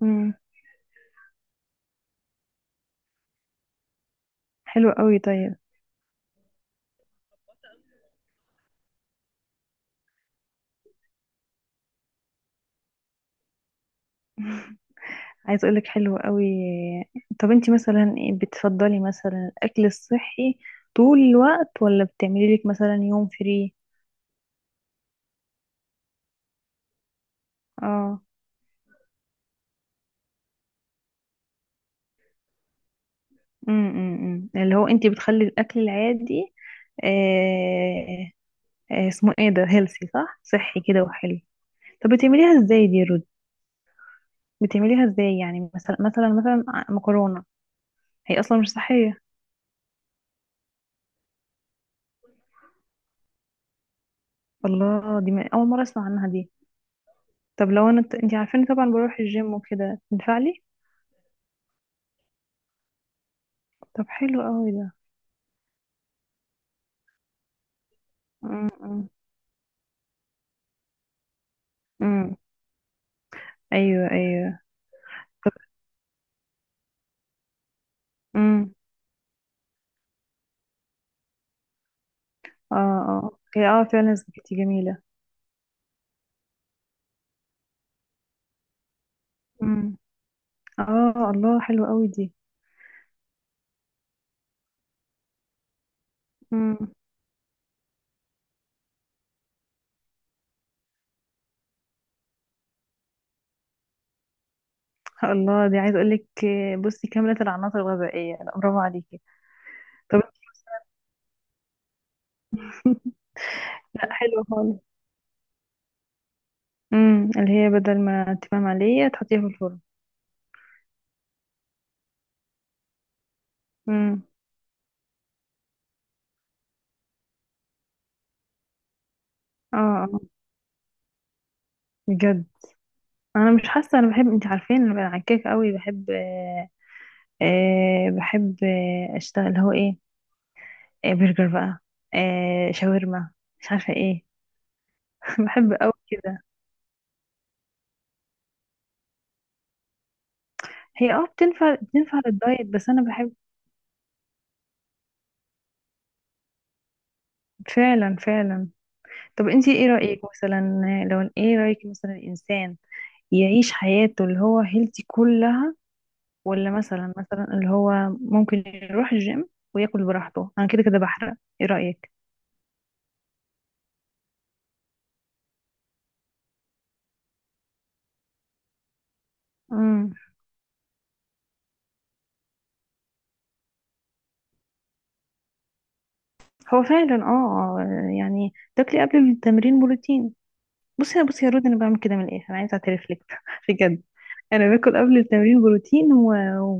مم. حلو قوي، طيب. عايز اقولك حلو قوي. طب، انتي مثلا إيه، بتفضلي مثلا الاكل الصحي طول الوقت، ولا بتعملي لك مثلا يوم فري؟ اه. امم، اللي هو انتي بتخلي الاكل العادي. آه. آه، اسمه ايه ده، هيلثي صح، صحي كده وحلو. طب بتعمليها ازاي دي رود؟ بتعمليها ازاي يعني مثلا، مكرونة. هي اصلا مش صحية. الله، دي اول مرة اسمع عنها دي. طب لو انا، انت عارفاني طبعا بروح الجيم وكده، ينفع لي؟ طب حلو قوي ده. امم. إمم. ايوه ايوه. طب. امم. اه اه، هي فعلا سباكيتي جميله. امم. اه، الله حلو قوي دي. امم. الله، دي عايزه اقول لك، بصي كامله العناصر الغذائيه، لا برافو عليكي. طب. لا حلو خالص. امم، اللي هي بدل ما تمام عاديه تحطيها في الفرن. امم. اه اه بجد. انا مش حاسه، انا بحب، انت عارفين انا عكاك قوي بحب. بحب اشتغل اللي هو ايه، برجر بقى، شاورما، مش عارفه ايه. بحب قوي كده. هي بتنفع للدايت، بس انا بحب. فعلا فعلا. طب انتي ايه رايك مثلا، لو ايه رايك مثلا، الانسان يعيش حياته اللي هو هيلثي كلها، ولا مثلا اللي هو ممكن يروح الجيم وياكل براحته، انا كده كده بحرق؟ ايه رايك؟ امم. هو فعلا يعني تاكلي قبل التمرين بروتين. بصي بصي يا رود، انا بعمل كده من الاخر، انا عايزه اعترف لك بجد. انا باكل قبل التمرين بروتين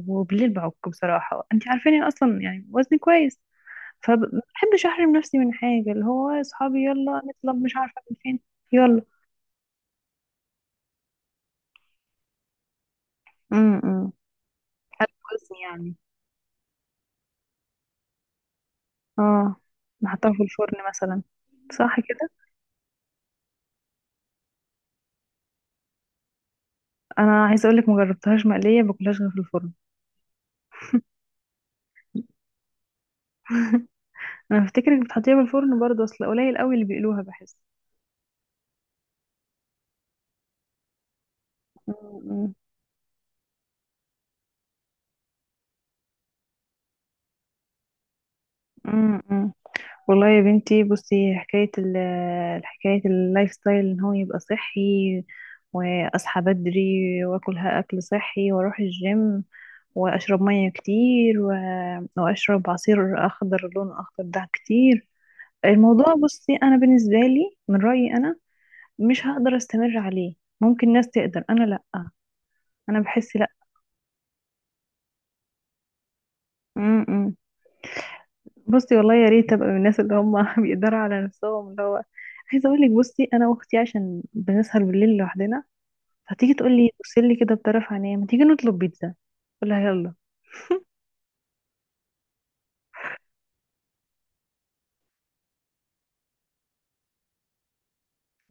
وبالليل بعك، بصراحه انت عارفاني أنا اصلا يعني وزني كويس، فبحبش احرم نفسي من حاجه، اللي هو اصحابي يلا نطلب مش عارفه من فين. يلا. امم. حتى وزني يعني. اه. نحطها في الفرن مثلا، صح كده. انا عايزه اقول لك، ما جربتهاش مقليه، باكلهاش غير في الفرن. انا بفتكرك بتحطيها في الفرن برضه، اصل قليل قوي اللي بيقلوها بحس. امم امم. والله يا بنتي، بصي، حكاية اللايف ستايل ان هو يبقى صحي، واصحى بدري، واكل ها- اكل صحي، واروح الجيم، واشرب مية كتير، واشرب عصير اخضر، لون اخضر ده كتير. الموضوع، بصي، انا بالنسبة لي من رأيي انا مش هقدر استمر عليه. ممكن ناس تقدر، انا لا. انا بحس لا. م -م. بصي والله يا ريت ابقى من الناس اللي هم بيقدروا على نفسهم، اللي هو عايزه اقول لك، بصي، انا واختي عشان بنسهر بالليل لوحدنا، هتيجي تقول لي بص لي كده بطرف عينيا، ما تيجي نطلب بيتزا، اقول لها يلا.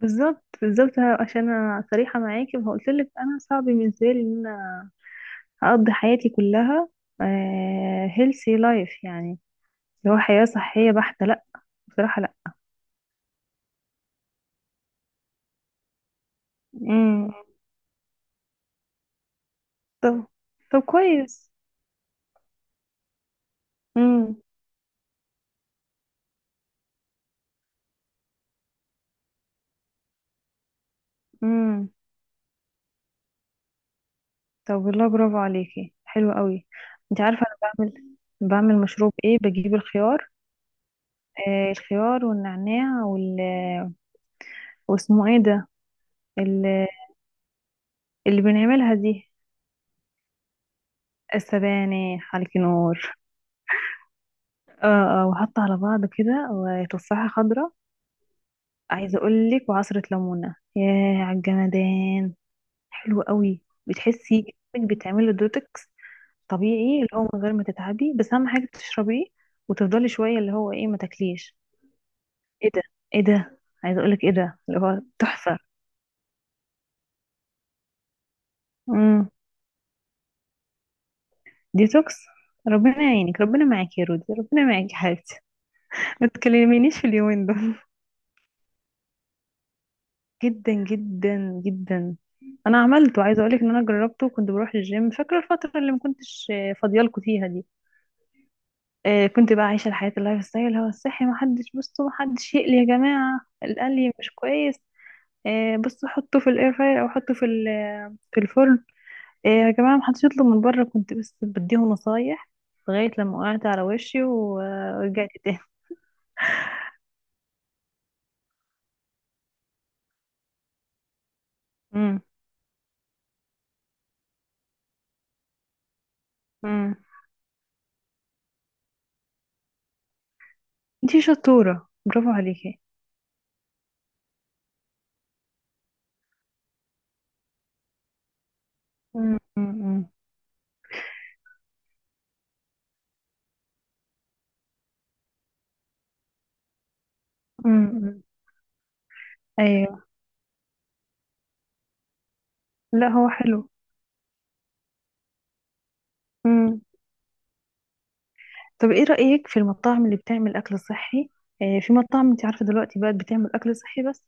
بالظبط بالظبط، عشان انا صريحه معاكي، فقلت لك انا صعب بالنسبه لي ان انا هقضي حياتي كلها هيلثي لايف، يعني اللي هو حياه صحيه بحته، لا. بصراحه لا. امم. طب. طب كويس. امم امم. طب والله برافو عليكي، حلو قوي. انت عارفه انا بعمل، بعمل مشروب ايه، بجيب الخيار. آه الخيار والنعناع، واسمه ايه ده اللي بنعملها دي. السبانخ، حرك نور. اه اه، وحط على بعض كده وتفاحة خضراء. عايزة اقولك، وعصرة ليمونة، ياه عالجمدان. حلو قوي. بتحسي انك بتعملي دوتكس طبيعي، اللي هو من غير ما تتعبي، بس اهم حاجة تشربيه، وتفضلي شوية اللي هو ايه ما تاكليش. ايه ده، ايه ده، عايزة اقولك ايه ده اللي هو تحفة. امم. ديتوكس. ربنا يعينك، ربنا معاك يا رودي، ربنا معاك يا حبيبتي. ما تكلمينيش في اليومين دول. جدا جدا جدا. انا عملته، عايزه اقولك ان انا جربته، كنت بروح الجيم، فاكره الفتره اللي ما كنتش فاضيالكوا فيها دي. كنت بقى عايشه الحياه اللايف ستايل هو الصحي، ما حدش، بصوا، ما حدش يقلي يا جماعه، القلي مش كويس. بصوا حطه في الاير فراير، او حطه في في الفرن. يا جماعه، ما حدش يطلب من بره، كنت بس بديهم نصايح، لغايه لما وقعت على وشي ورجعت تاني. امم امم. انتي شطوره، برافو عليكي. امم امم امم. ايوه. لا هو حلو. امم. طب ايه رأيك في المطاعم اللي بتعمل اكل صحي؟ في مطاعم، انت عارفة دلوقتي بقت بتعمل اكل صحي، بس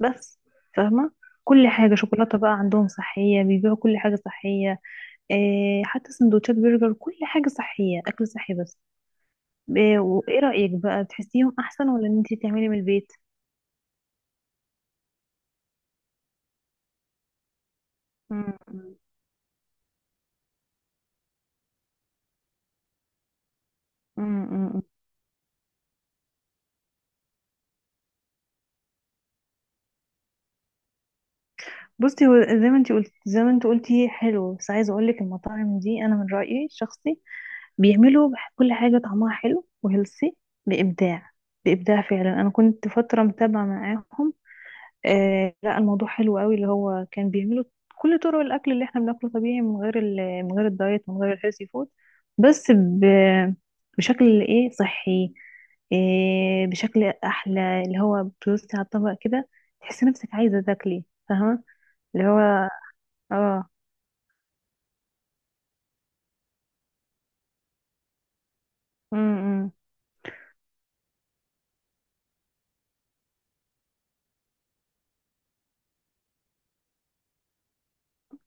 بس فاهمة، كل حاجة، شوكولاتة بقى عندهم صحية، بيبيعوا كل حاجة صحية. حتى سندوتشات برجر، كل حاجة صحية، اكل صحي بس. وايه رأيك بقى، بتحسيهم احسن ولا ان انت تعملي من البيت؟ مم. مم. مم. بصي، هو زي ما انت قلتي حلو، بس عايزة اقول لك، المطاعم دي انا من رأيي الشخصي بيعملوا كل حاجة طعمها حلو وهيلثي، بإبداع. بإبداع فعلا، أنا كنت فترة متابعة معاهم. آه لا، الموضوع حلو قوي اللي هو كان بيعملوا كل طرق الأكل اللي احنا بناكله طبيعي، من غير من غير الدايت، من غير الهيلثي فود، بس بشكل ايه، صحي، إيه، بشكل أحلى، اللي هو بتوصي على الطبق كده، تحسي نفسك عايزة تاكلي، فاهمة؟ اللي هو، اه، أمم.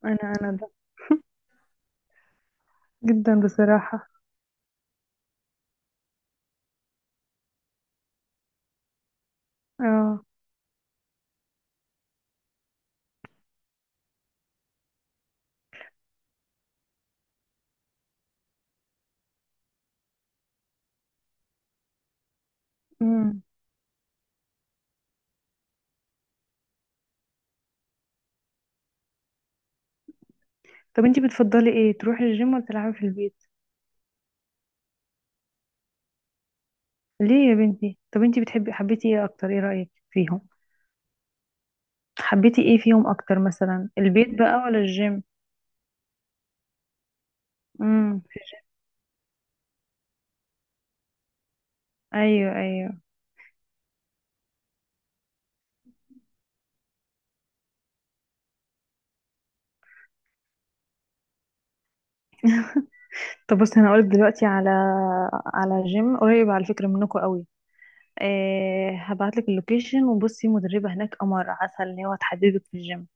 انا ده، جدا بصراحة. اه. طب انتي بتفضلي ايه، تروحي الجيم ولا تلعبي في البيت؟ ليه يا بنتي؟ طب انتي بتحبي، حبيتي ايه اكتر، ايه رأيك فيهم؟ حبيتي ايه فيهم اكتر، مثلا البيت بقى ولا الجيم؟ امم، في الجيم. ايوه ايوه. طب بصي، انا هقولك دلوقتي على جيم قريب، على فكرة منكم قوي. هبعتلك اللوكيشن، وبصي مدربة هناك قمر عسل، اللي هو هتحددك في الجيم.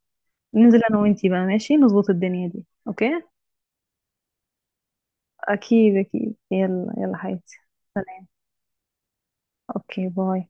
ننزل انا وانتي بقى، ماشي، نظبط الدنيا دي، اوكي. اكيد اكيد، يلا يلا حياتي. سلام. اوكي باي.